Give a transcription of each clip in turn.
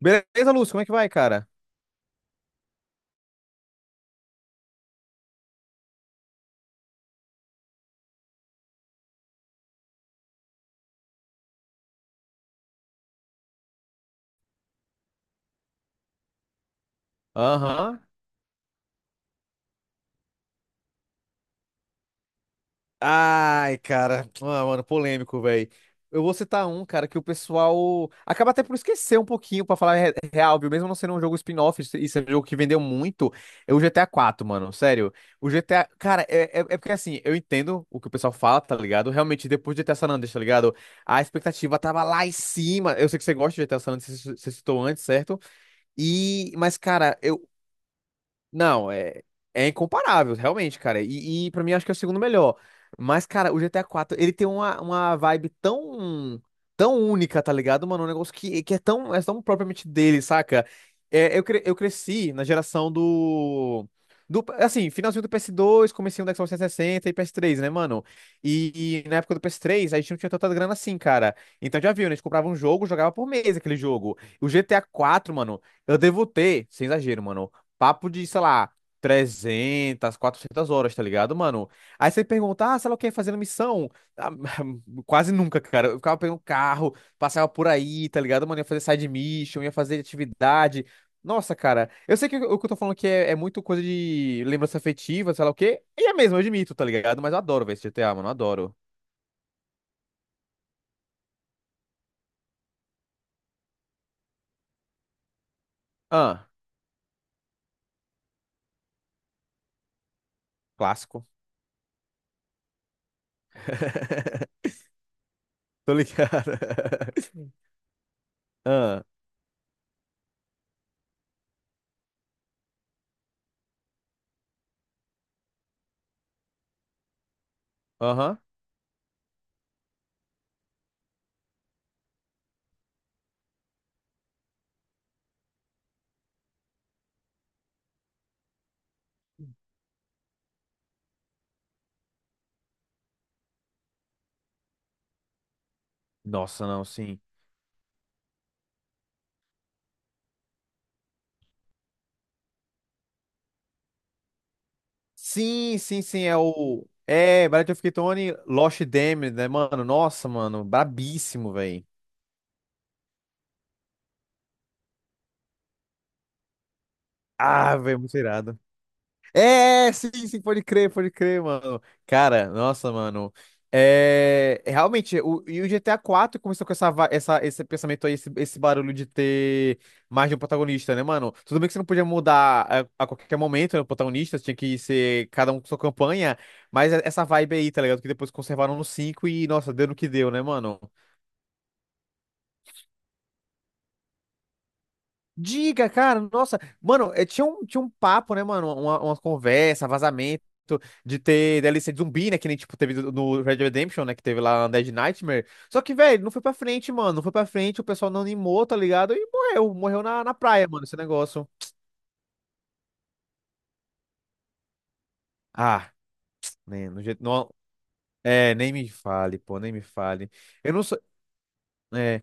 Beleza, Lúcio, como é que vai, cara? Aham. Ai, cara. Ah, mano, polêmico, velho. Eu vou citar um, cara, que o pessoal acaba até por esquecer um pouquinho, pra falar real, viu? Mesmo não sendo um jogo spin-off, isso é um jogo que vendeu muito, é o GTA 4, mano. Sério. O GTA. Cara, é porque assim, eu entendo o que o pessoal fala, tá ligado? Realmente, depois de GTA San Andreas, tá ligado? A expectativa tava lá em cima. Eu sei que você gosta de GTA San Andreas, você citou antes, certo? E, mas, cara, não, é incomparável, realmente, cara. E para mim acho que é o segundo melhor. Mas, cara, o GTA IV, ele tem uma vibe tão única, tá ligado, mano? Um negócio que é tão propriamente dele, saca? Eu cresci na geração do, do. Assim, finalzinho do PS2, comecinho do Xbox 360 e PS3, né, mano? E na época do PS3 a gente não tinha tanta grana assim, cara. Então já viu, né? A gente comprava um jogo, jogava por mês aquele jogo. O GTA IV, mano, eu devo ter, sem exagero, mano. Papo de, sei lá, 300 400 horas, tá ligado, mano? Aí você pergunta, ah, sei lá o que, fazendo missão. Ah, quase nunca, cara. Eu ficava pegando carro, passava por aí, tá ligado, mano? Ia fazer side mission, ia fazer atividade. Nossa, cara, eu sei que o que eu tô falando aqui é muito coisa de lembrança afetiva, sei lá o quê. E é mesmo, eu admito, tá ligado? Mas eu adoro ver esse GTA, mano, eu adoro. Ah, clássico. Tô ligado. Ah, aham. Nossa, não, sim. Sim, sim, sim, é o. É, Bride of Ketone, Lost Damned, né, mano? Nossa, mano, brabíssimo, velho. Ah, velho, muito irado. É, sim, sim, pode crer, mano. Cara, nossa, mano. É, realmente, e o GTA IV começou com essa, esse pensamento aí, esse barulho de ter mais de um protagonista, né, mano? Tudo bem que você não podia mudar a qualquer momento, né, o protagonista, tinha que ser cada um com sua campanha, mas essa vibe aí, tá ligado? Que depois conservaram no 5 e, nossa, deu no que deu, né, mano? Diga, cara, nossa, mano, tinha um papo, né, mano, uma conversa, vazamento de ter DLC de zumbi, né, que nem, tipo, teve no Red Dead Redemption, né, que teve lá na Dead Nightmare, só que, velho, não foi pra frente, mano, não foi pra frente, o pessoal não animou, tá ligado, e morreu, morreu na praia, mano, esse negócio. Ah, né, no jeito, não, é, nem me fale, pô, nem me fale. Eu não sou, é,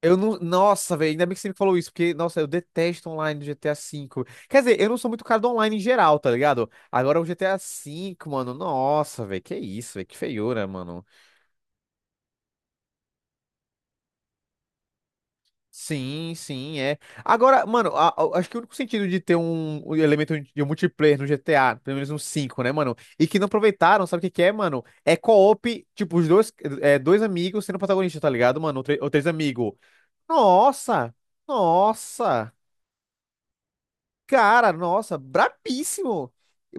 eu não. Nossa, velho, ainda bem que você me falou isso, porque, nossa, eu detesto online do GTA V. Quer dizer, eu não sou muito cara do online em geral, tá ligado? Agora o GTA V, mano, nossa, velho, que isso, velho, que feiura, mano. Sim, sim, é. Agora, mano, acho que o único sentido de ter um elemento de um multiplayer no GTA, pelo menos no 5 né, mano? E que não aproveitaram, sabe o que que é, mano? É co-op, tipo, os dois, dois amigos sendo protagonista, tá ligado, mano? Ou três amigos. Nossa! Nossa! Cara, nossa, brabíssimo.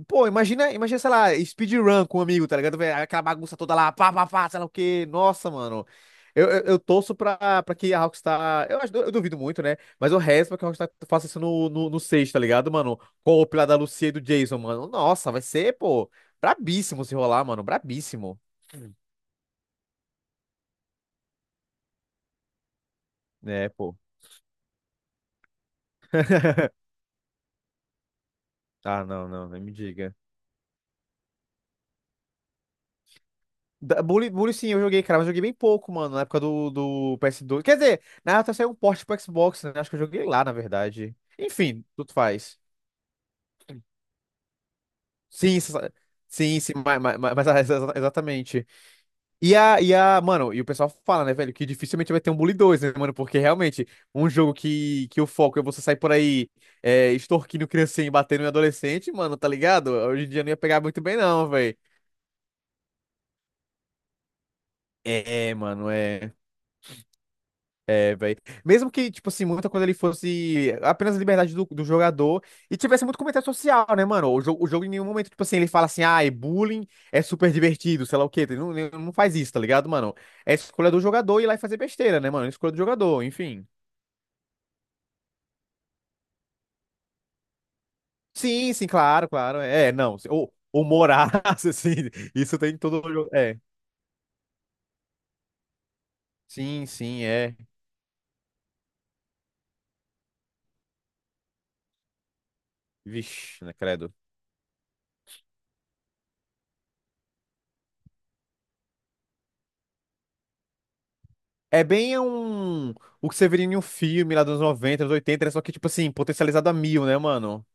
Pô, imagina, imagina, sei lá, speedrun com um amigo, tá ligado? Vê aquela bagunça toda lá, pá, pá, pá, sei lá o quê. Nossa, mano. Eu torço pra que a Rockstar. Eu duvido muito, né? Mas eu rezo pra que a Rockstar faça isso no 6, tá ligado, mano? Com o pilar da Lucia e do Jason, mano. Nossa, vai ser, pô, brabíssimo se rolar, mano. Brabíssimo. É, pô. Ah, não, não, nem me diga. Bully, Bully sim, eu joguei, cara, mas joguei bem pouco, mano, na época do PS2. Quer dizer, na época saiu um porte pro Xbox, né? Acho que eu joguei lá, na verdade. Enfim, tudo faz. Sim, sim, sim, mas, ah, exatamente. E a, mano, e o pessoal fala, né, velho, que dificilmente vai ter um Bully 2, né, mano? Porque realmente, um jogo que o foco é você sair por aí, extorquindo criancinha e batendo em adolescente, mano, tá ligado? Hoje em dia não ia pegar muito bem, não, velho. É, mano, é. É, velho. Mesmo que, tipo assim, muita coisa ele fosse apenas a liberdade do jogador e tivesse muito comentário social, né, mano? O jogo em nenhum momento, tipo assim, ele fala assim, ah, bullying é super divertido, sei lá o quê. Ele não faz isso, tá ligado, mano? É escolha do jogador ir lá e fazer besteira, né, mano? É escolha do jogador, enfim. Sim, sim, claro, claro. É, não. O morar, assim, isso tem em todo jogo. É. Sim, sim, é. Vixe, né, credo. É bem um. O que você veria em um filme lá dos anos 90, anos 80, né? Só que, tipo assim, potencializado a mil, né, mano?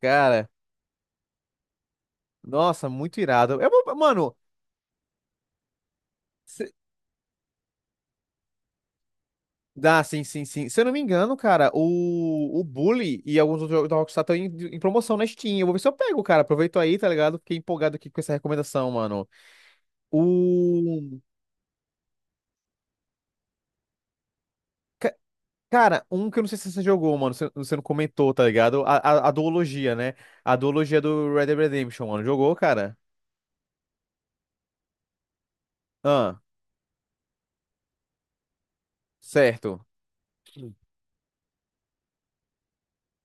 Cara, nossa, muito irado. Mano, se... dá, sim, sim, sim. Se eu não me engano, cara, o Bully e alguns outros jogos da Rockstar estão em promoção na Steam. Eu vou ver se eu pego, cara. Aproveito aí, tá ligado? Fiquei empolgado aqui com essa recomendação, mano. O. ca- Cara, um que eu não sei se você jogou, mano, você não comentou, tá ligado? A duologia, né? A duologia do Red Dead Redemption, mano. Jogou, cara? Ah, certo.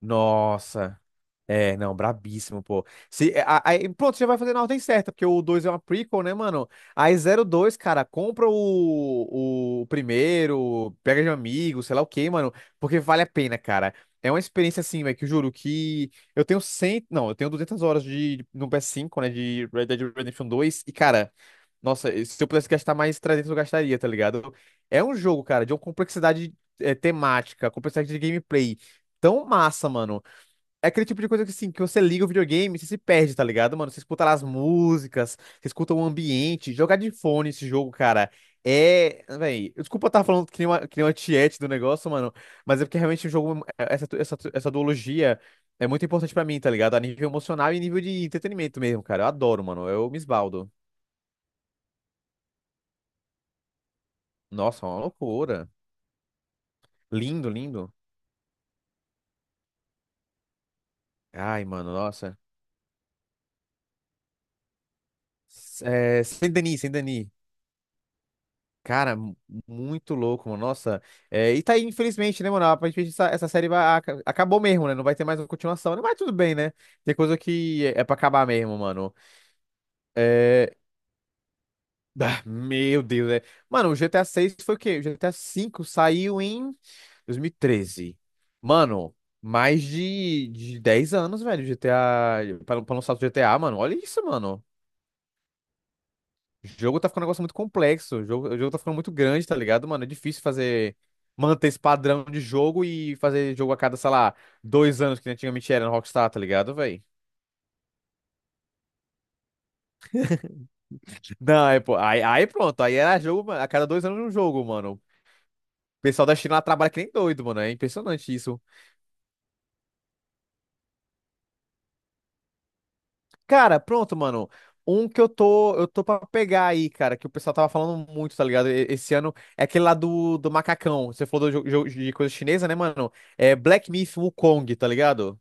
Nossa. É, não, brabíssimo, pô. Se, é, a- aí, pronto, você vai fazer na ordem certa, porque o 2 é uma prequel, né, mano? Aí zero dois cara, compra o primeiro, pega de amigo, sei lá o quê, mano, porque vale a pena, cara. É uma experiência assim, velho, que eu juro que eu tenho 100, não, eu tenho 200 horas de, no PS5 né, de Red Dead Redemption dois e, cara, nossa, se eu pudesse gastar mais 300, eu gastaria, tá ligado? É um jogo, cara, de uma complexidade temática, complexidade de gameplay tão massa, mano, é aquele tipo de coisa que, assim, que você liga o videogame e você se perde, tá ligado, mano? Você escuta lá as músicas, você escuta o ambiente. Jogar de fone esse jogo, cara, é... Véi, desculpa eu estar falando que nem uma tiete do negócio, mano, mas é porque realmente o jogo, essa duologia é muito importante pra mim, tá ligado? A nível emocional e nível de entretenimento mesmo, cara. Eu adoro, mano. Eu me esbaldo. Nossa, uma loucura. Lindo, lindo. Ai, mano, nossa. É, Saint Denis, Saint Denis. Cara, muito louco, mano. Nossa. É, e tá aí, infelizmente, né, mano? Aparentemente essa série vai, acabou mesmo, né? Não vai ter mais uma continuação, né? Mas tudo bem, né? Tem coisa que é pra acabar mesmo, mano. É... ah, meu Deus, é. Mano, o GTA 6 foi o quê? O GTA 5 saiu em 2013. Mano, mais de 10 anos, velho, GTA. Pra lançar o GTA, mano. Olha isso, mano. O jogo tá ficando um negócio muito complexo. O jogo tá ficando muito grande, tá ligado, mano? É difícil fazer. Manter esse padrão de jogo e fazer jogo a cada, sei lá, 2 anos, que nem antigamente era no Rockstar, tá ligado, velho? Não, aí, pô, aí pronto. Aí era jogo, mano, a cada 2 anos um jogo, mano. O pessoal da China lá trabalha que nem doido, mano. É impressionante isso. Cara, pronto, mano. Um que eu tô pra pegar aí, cara, que o pessoal tava falando muito, tá ligado? Esse ano é aquele lá do macacão. Você falou do jogo de coisa chinesa, né, mano? É Black Myth Wukong, tá ligado?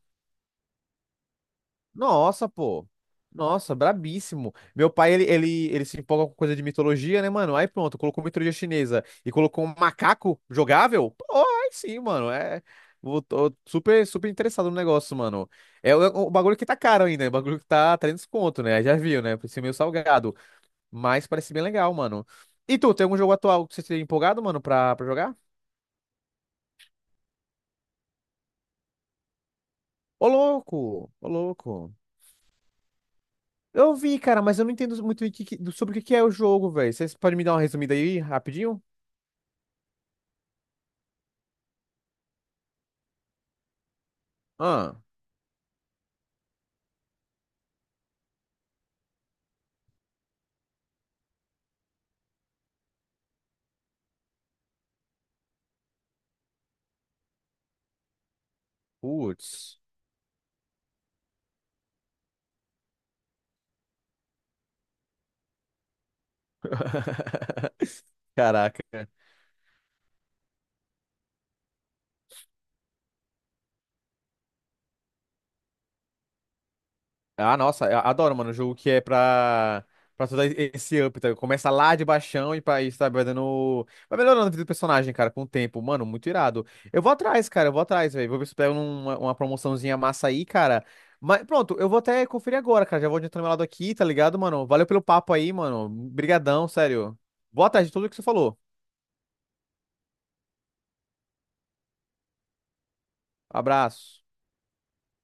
Nossa, pô. Nossa, brabíssimo. Meu pai, ele se empolga com coisa de mitologia, né, mano? Aí pronto, colocou mitologia chinesa e colocou um macaco jogável? Pô, aí sim, mano. É. Tô super, super interessado no negócio, mano. É o bagulho que tá caro ainda, é o bagulho que tá 300 conto, né? Já viu, né? Parece meio salgado, mas parece bem legal, mano. E tu, tem algum jogo atual que você esteja empolgado, mano, pra jogar? Ô, louco! Ô, louco! Eu vi, cara, mas eu não entendo muito o que que- do- sobre o que que é o jogo, velho. Vocês podem me dar uma resumida aí, rapidinho? Ah, putz. Caraca, ah, nossa, eu adoro, mano, jogo que é pra todo esse up, tá? Começa lá de baixão e, pra, e sabe, vai dando. Vai melhorando a vida do personagem, cara, com o tempo. Mano, muito irado. Eu vou atrás, cara, eu vou atrás, velho. Vou ver se eu pego uma promoçãozinha massa aí, cara. Mas pronto, eu vou até conferir agora, cara. Já vou adiantando meu lado aqui, tá ligado, mano? Valeu pelo papo aí, mano. Brigadão, sério. Boa tarde de tudo que você falou. Abraço.